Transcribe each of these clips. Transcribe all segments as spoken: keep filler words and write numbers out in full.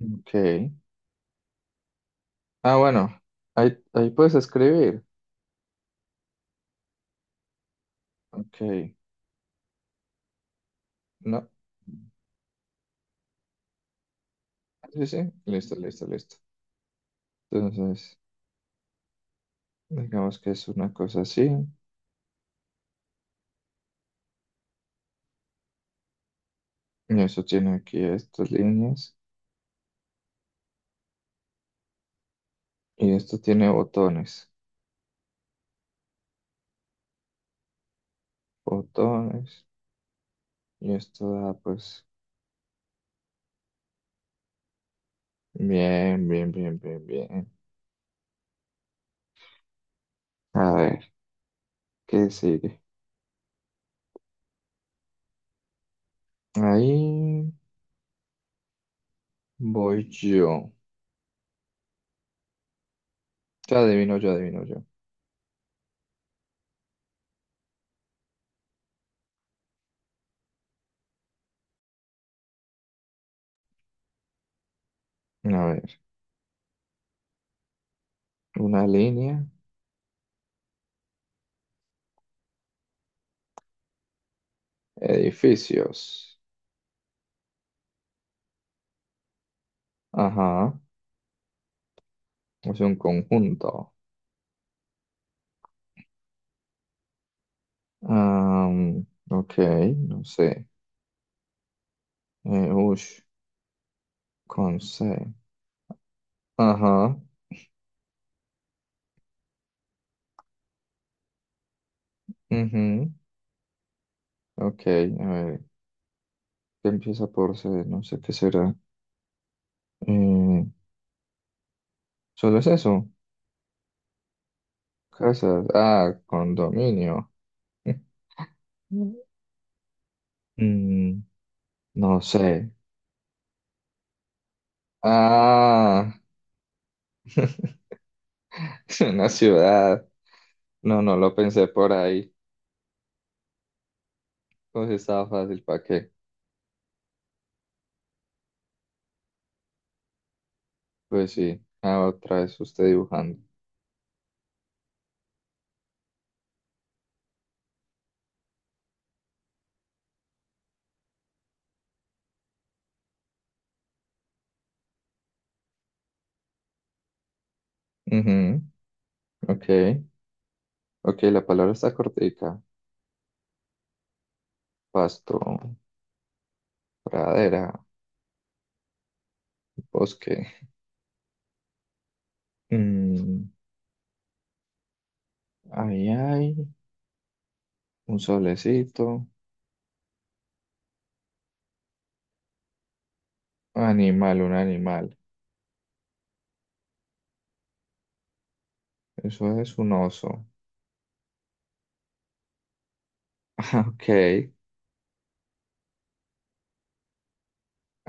Ok. Ah, bueno, ahí, ahí puedes escribir. Ok. No. Sí, sí. Listo, listo, listo. Entonces, digamos que es una cosa así. Y eso tiene aquí estas líneas. Y esto tiene botones. Botones. Y esto da, pues, bien, bien, bien, bien, bien. A ver, ¿qué sigue? Ahí voy yo. Ya adivino yo, adivino yo. A ver, una línea. Edificios. Ajá. Es un conjunto. Am, ok, no sé. Eh, ush, con ce. Ajá. Ujú. Ok, a ver. ¿Qué empieza por ce? No sé qué será. Eh, ¿Solo es eso? Casas. Ah, condominio. Mm, no sé. Ah, es una ciudad. No, no lo pensé por ahí. Pues estaba fácil, ¿para qué? Pues sí. Ah, otra vez usted dibujando. Ujú, ok. Ok, la palabra está cortica. Pasto, pradera, bosque. Mm, Ahí hay un solecito. Animal, un animal. Eso es un oso. Ok,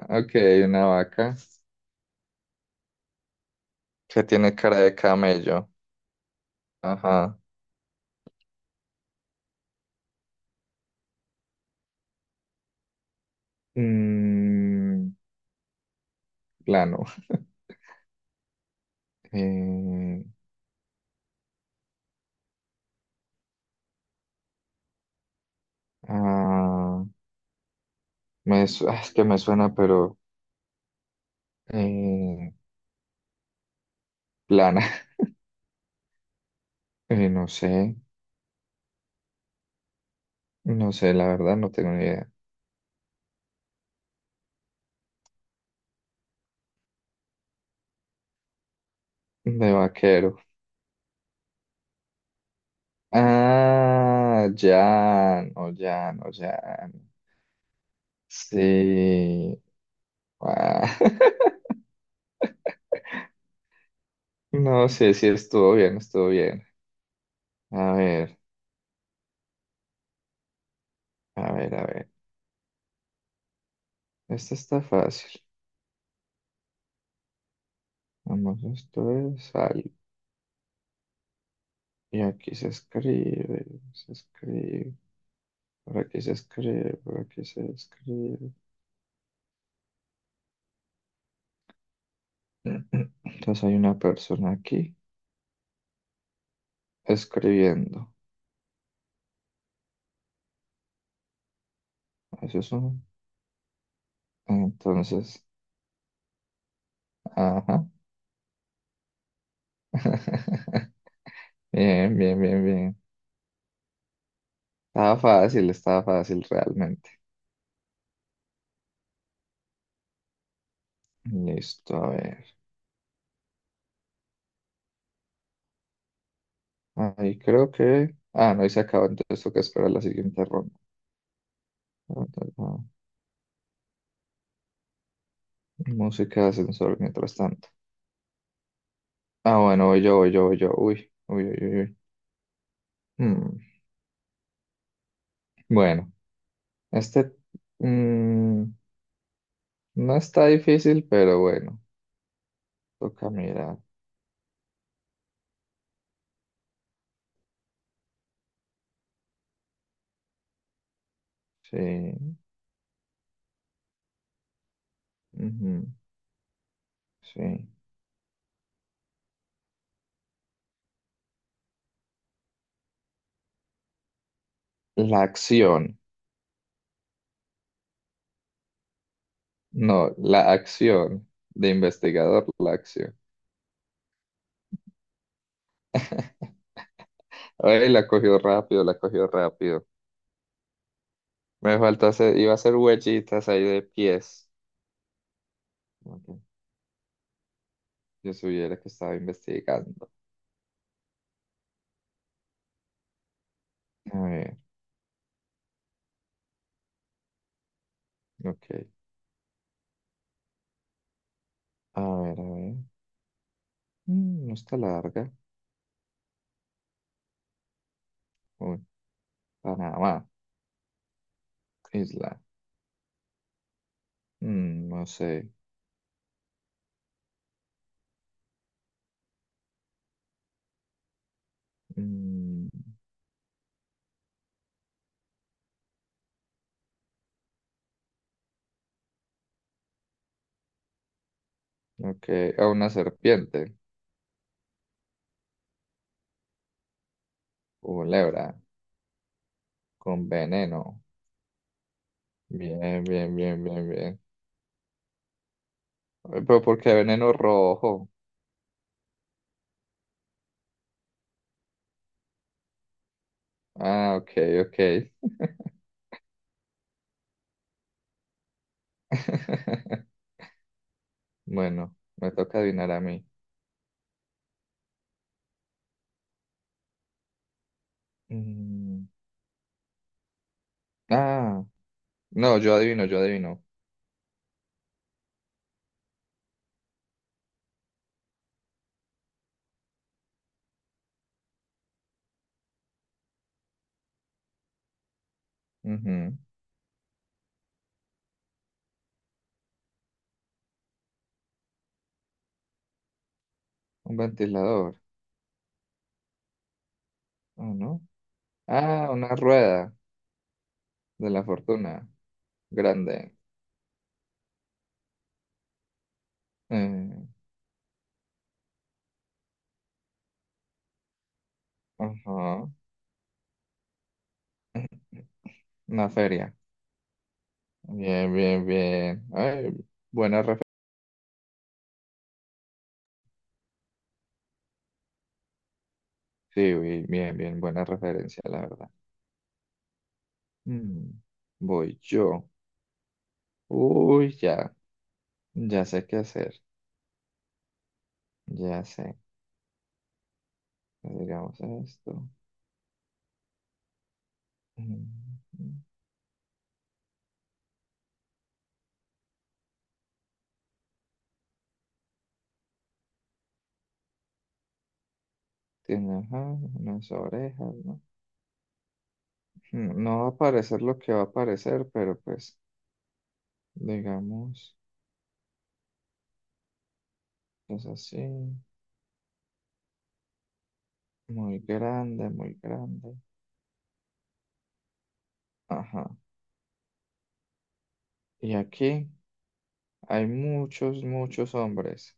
ok, una vaca que tiene cara de camello. Ajá. Mm, plano. Eh, ah, me su- ah, es que me suena, pero eh, plana. Eh, no sé, no sé, la verdad, no tengo ni idea. De vaquero. Ah, Jan, o Jan, o Jan. Sí. Ah, No sé si estuvo bien, estuvo bien. A ver, a ver, a ver. Esta está fácil. Vamos, esto es algo. Y aquí se escribe, se escribe, por aquí se escribe, por aquí se escribe. Entonces hay una persona aquí escribiendo. Eso es un... Entonces, ajá. Bien, bien, bien, bien. Estaba fácil, estaba fácil realmente. Listo, a ver. Ahí creo que... Ah, no, y se acabó, entonces toca esperar la siguiente ronda. Ah, ah, ah. Música de ascensor mientras tanto. Ah, bueno, voy yo, voy yo, voy yo. Uy, uy, uy, uy. Uy. Mm, Bueno, este mm, no está difícil, pero bueno, toca mirar. Sí, ujú, sí. La acción, no, la acción de investigador, la acción. Ay, la cogió rápido, la cogió rápido. Me faltó hacer, iba a hacer huellitas ahí de pies. Ok, yo supiera que estaba investigando. A ver, ok. A ver, a ver. Mm, no está larga. Uy, Panamá, isla. Mm, no sé. Mm, ok, a una serpiente. Un lebra. Con veneno. Bien, bien, bien, bien, bien. Ay, pero ¿por qué veneno rojo? Ah, ok, ok. Bueno, me toca adivinar a mí. Mm, Ah, no, yo adivino, yo adivino. Ujú, un ventilador, ¿o no? Ah, una rueda de la fortuna, grande. Eh, ajá, una feria. Bien, bien, bien. Ay, buena referencia. Sí, bi- bien, bien, buena referencia, la verdad. Mm, Voy yo. Uy, ya, ya sé qué hacer. Ya sé. Digamos esto. Mm, Tiene, ajá, unas orejas, ¿no? No, no va a aparecer lo que va a aparecer, pero pues, digamos, es así, muy grande, muy grande. Ajá. Y aquí hay muchos, muchos hombres.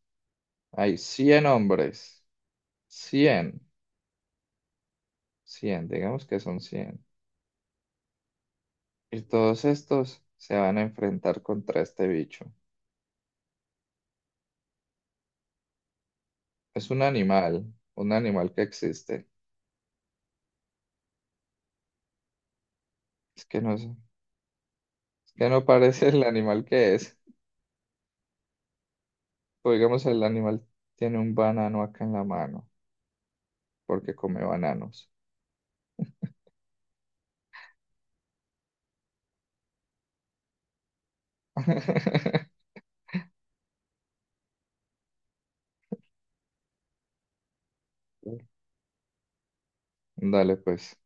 Hay cien hombres. cien cien digamos que son cien. Y todos estos se van a enfrentar contra este bicho. Es un animal, un animal que existe. Es que no, es es que no parece el animal que es. O digamos, el animal tiene un banano acá en la mano, porque come bananos. Dale, pues.